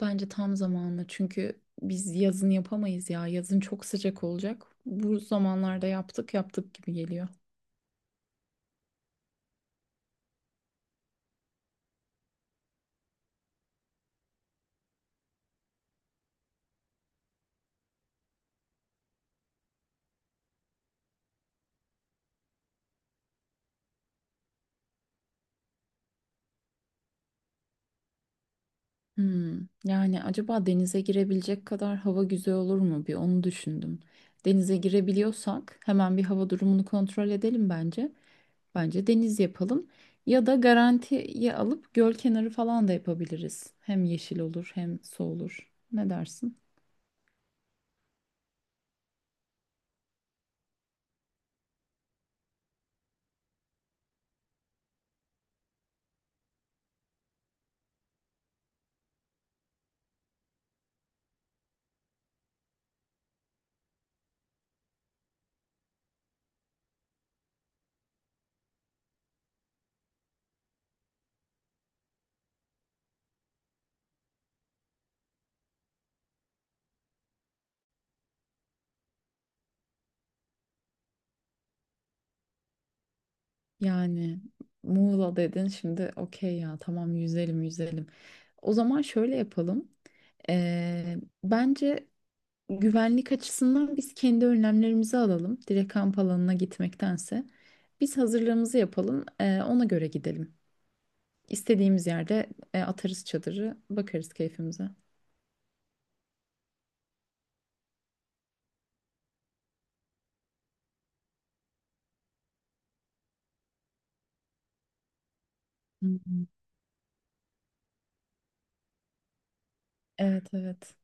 Bence tam zamanlı çünkü biz yazın yapamayız ya. Yazın çok sıcak olacak. Bu zamanlarda yaptık yaptık gibi geliyor. Hmm, yani acaba denize girebilecek kadar hava güzel olur mu? Bir onu düşündüm. Denize girebiliyorsak hemen bir hava durumunu kontrol edelim bence. Bence deniz yapalım. Ya da garantiye alıp göl kenarı falan da yapabiliriz. Hem yeşil olur hem su olur. Ne dersin? Yani Muğla dedin şimdi okey ya tamam yüzelim yüzelim. O zaman şöyle yapalım. Ee, Bence güvenlik açısından biz kendi önlemlerimizi alalım. Direkt kamp alanına gitmektense. Biz hazırlığımızı yapalım ona göre gidelim. İstediğimiz yerde atarız çadırı bakarız keyfimize. Hı hı. Evet evet.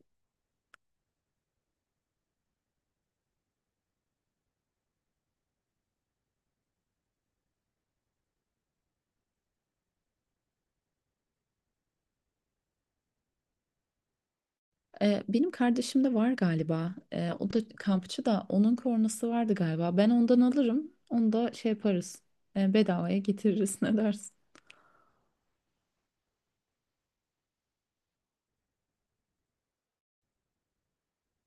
Benim kardeşim de var galiba. O da kampçı da onun kornası vardı galiba. Ben ondan alırım. Onu da şey yaparız. Bedavaya getiririz ne dersin?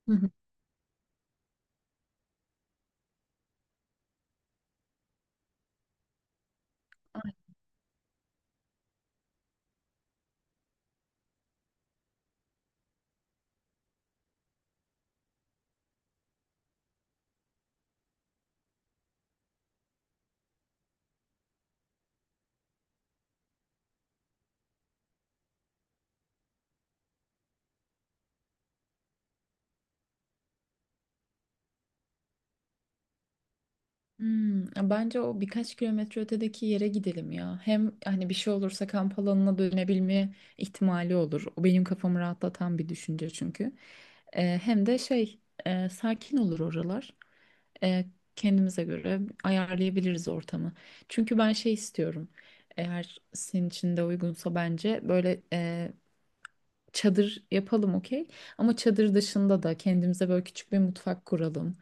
Hı hı. Hmm, bence o birkaç kilometre ötedeki yere gidelim ya. Hem hani bir şey olursa kamp alanına dönebilme ihtimali olur. O benim kafamı rahatlatan bir düşünce çünkü. Hem de şey sakin olur oralar. e, Kendimize göre ayarlayabiliriz ortamı. Çünkü ben şey istiyorum. Eğer senin için de uygunsa bence böyle çadır yapalım okey. Ama çadır dışında da kendimize böyle küçük bir mutfak kuralım.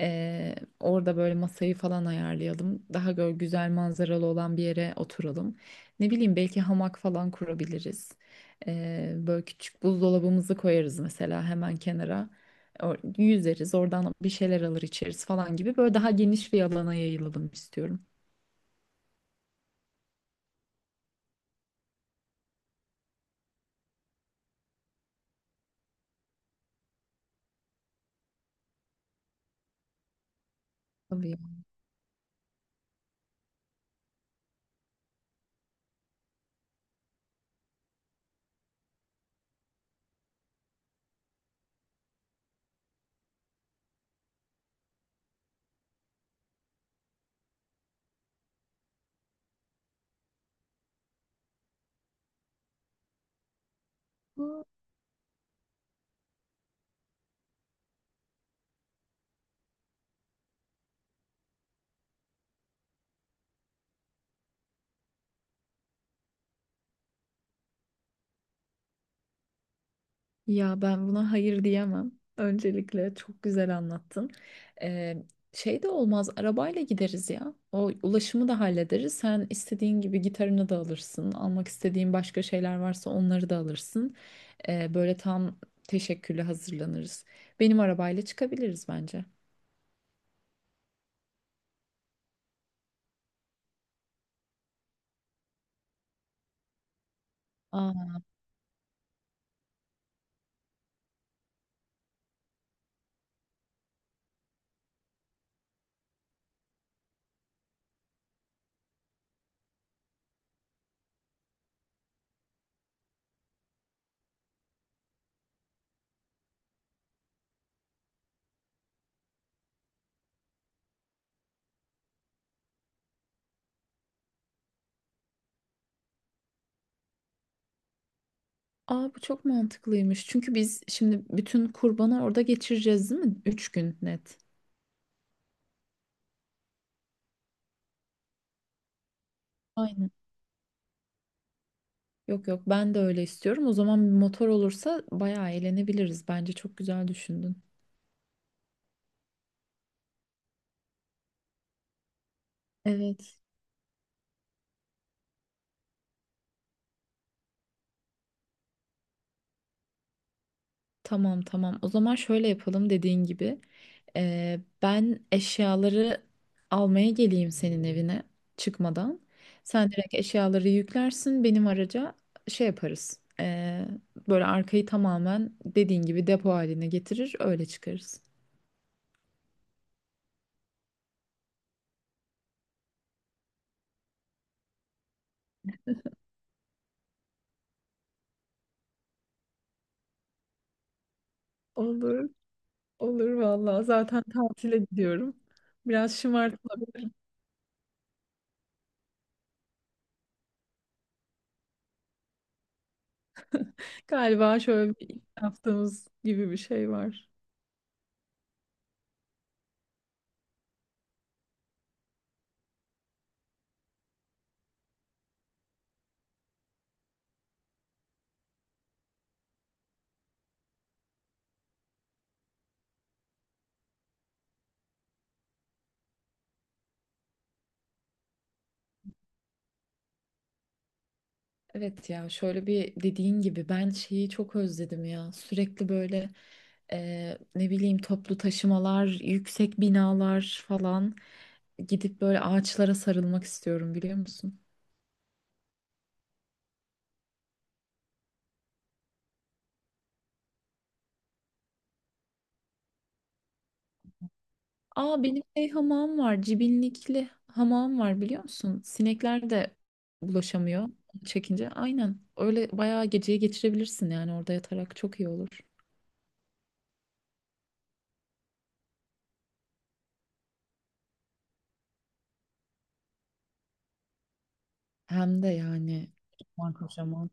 Orada böyle masayı falan ayarlayalım. Daha böyle güzel manzaralı olan bir yere oturalım. Ne bileyim belki hamak falan kurabiliriz. Böyle küçük buzdolabımızı koyarız mesela hemen kenara. Yüzeriz oradan bir şeyler alır içeriz falan gibi. Böyle daha geniş bir alana yayılalım istiyorum. Ya ben buna hayır diyemem. Öncelikle çok güzel anlattın. Ee, Şey de olmaz, arabayla gideriz ya. O ulaşımı da hallederiz. Sen istediğin gibi gitarını da alırsın. Almak istediğin başka şeyler varsa onları da alırsın. Böyle tam teşekküllü hazırlanırız. Benim arabayla çıkabiliriz bence. Aa. Aa, bu çok mantıklıymış. Çünkü biz şimdi bütün kurbanı orada geçireceğiz, değil mi? Üç gün net. Aynen. Yok yok ben de öyle istiyorum. O zaman bir motor olursa bayağı eğlenebiliriz. Bence çok güzel düşündün. Evet. Tamam tamam. O zaman şöyle yapalım dediğin gibi. Ben eşyaları almaya geleyim senin evine çıkmadan. Sen direkt eşyaları yüklersin benim araca şey yaparız. Böyle arkayı tamamen dediğin gibi depo haline getirir öyle çıkarız. Olur. Olur vallahi. Zaten tatile gidiyorum. Biraz şımartılabilir. Galiba şöyle bir yaptığımız gibi bir şey var. Evet ya şöyle bir dediğin gibi ben şeyi çok özledim ya. Sürekli böyle ne bileyim toplu taşımalar, yüksek binalar falan gidip böyle ağaçlara sarılmak istiyorum biliyor musun? Aa benim şey hamam var, cibinlikli hamam var biliyor musun? Sinekler de bulaşamıyor çekince. Aynen öyle bayağı geceyi geçirebilirsin yani orada yatarak çok iyi olur. Hem de yani kocaman kocaman.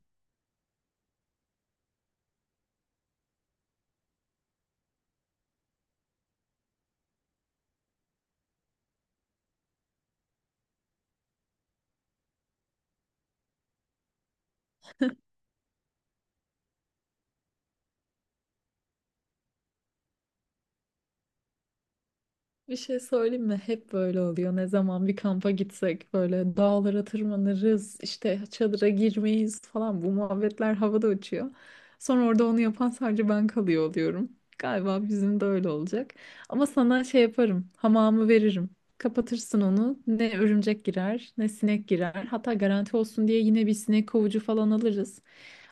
Bir şey söyleyeyim mi? Hep böyle oluyor. Ne zaman bir kampa gitsek böyle dağlara tırmanırız, işte çadıra girmeyiz falan. Bu muhabbetler havada uçuyor. Sonra orada onu yapan sadece ben kalıyor oluyorum. Galiba bizim de öyle olacak. Ama sana şey yaparım, hamamı veririm. Kapatırsın onu. Ne örümcek girer, ne sinek girer. Hatta garanti olsun diye yine bir sinek kovucu falan alırız.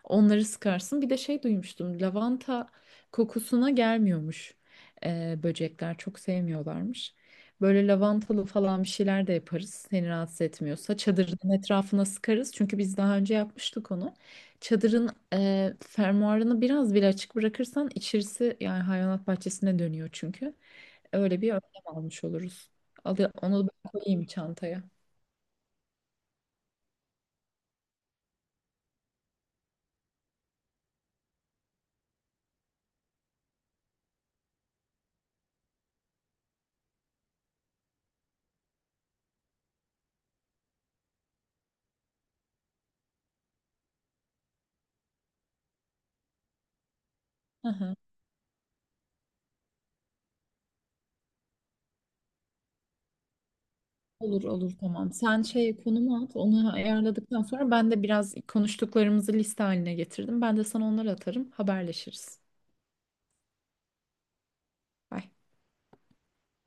Onları sıkarsın. Bir de şey duymuştum, lavanta kokusuna gelmiyormuş. Böcekler çok sevmiyorlarmış. Böyle lavantalı falan bir şeyler de yaparız. Seni rahatsız etmiyorsa çadırın etrafına sıkarız. Çünkü biz daha önce yapmıştık onu. Çadırın fermuarını biraz bile açık bırakırsan içerisi yani hayvanat bahçesine dönüyor çünkü. Öyle bir önlem almış oluruz. Al, onu ben koyayım çantaya. Hı hı. Olur olur tamam. Sen şey konumu at. Onu ayarladıktan sonra ben de biraz konuştuklarımızı liste haline getirdim. Ben de sana onları atarım. Haberleşiriz. Bye.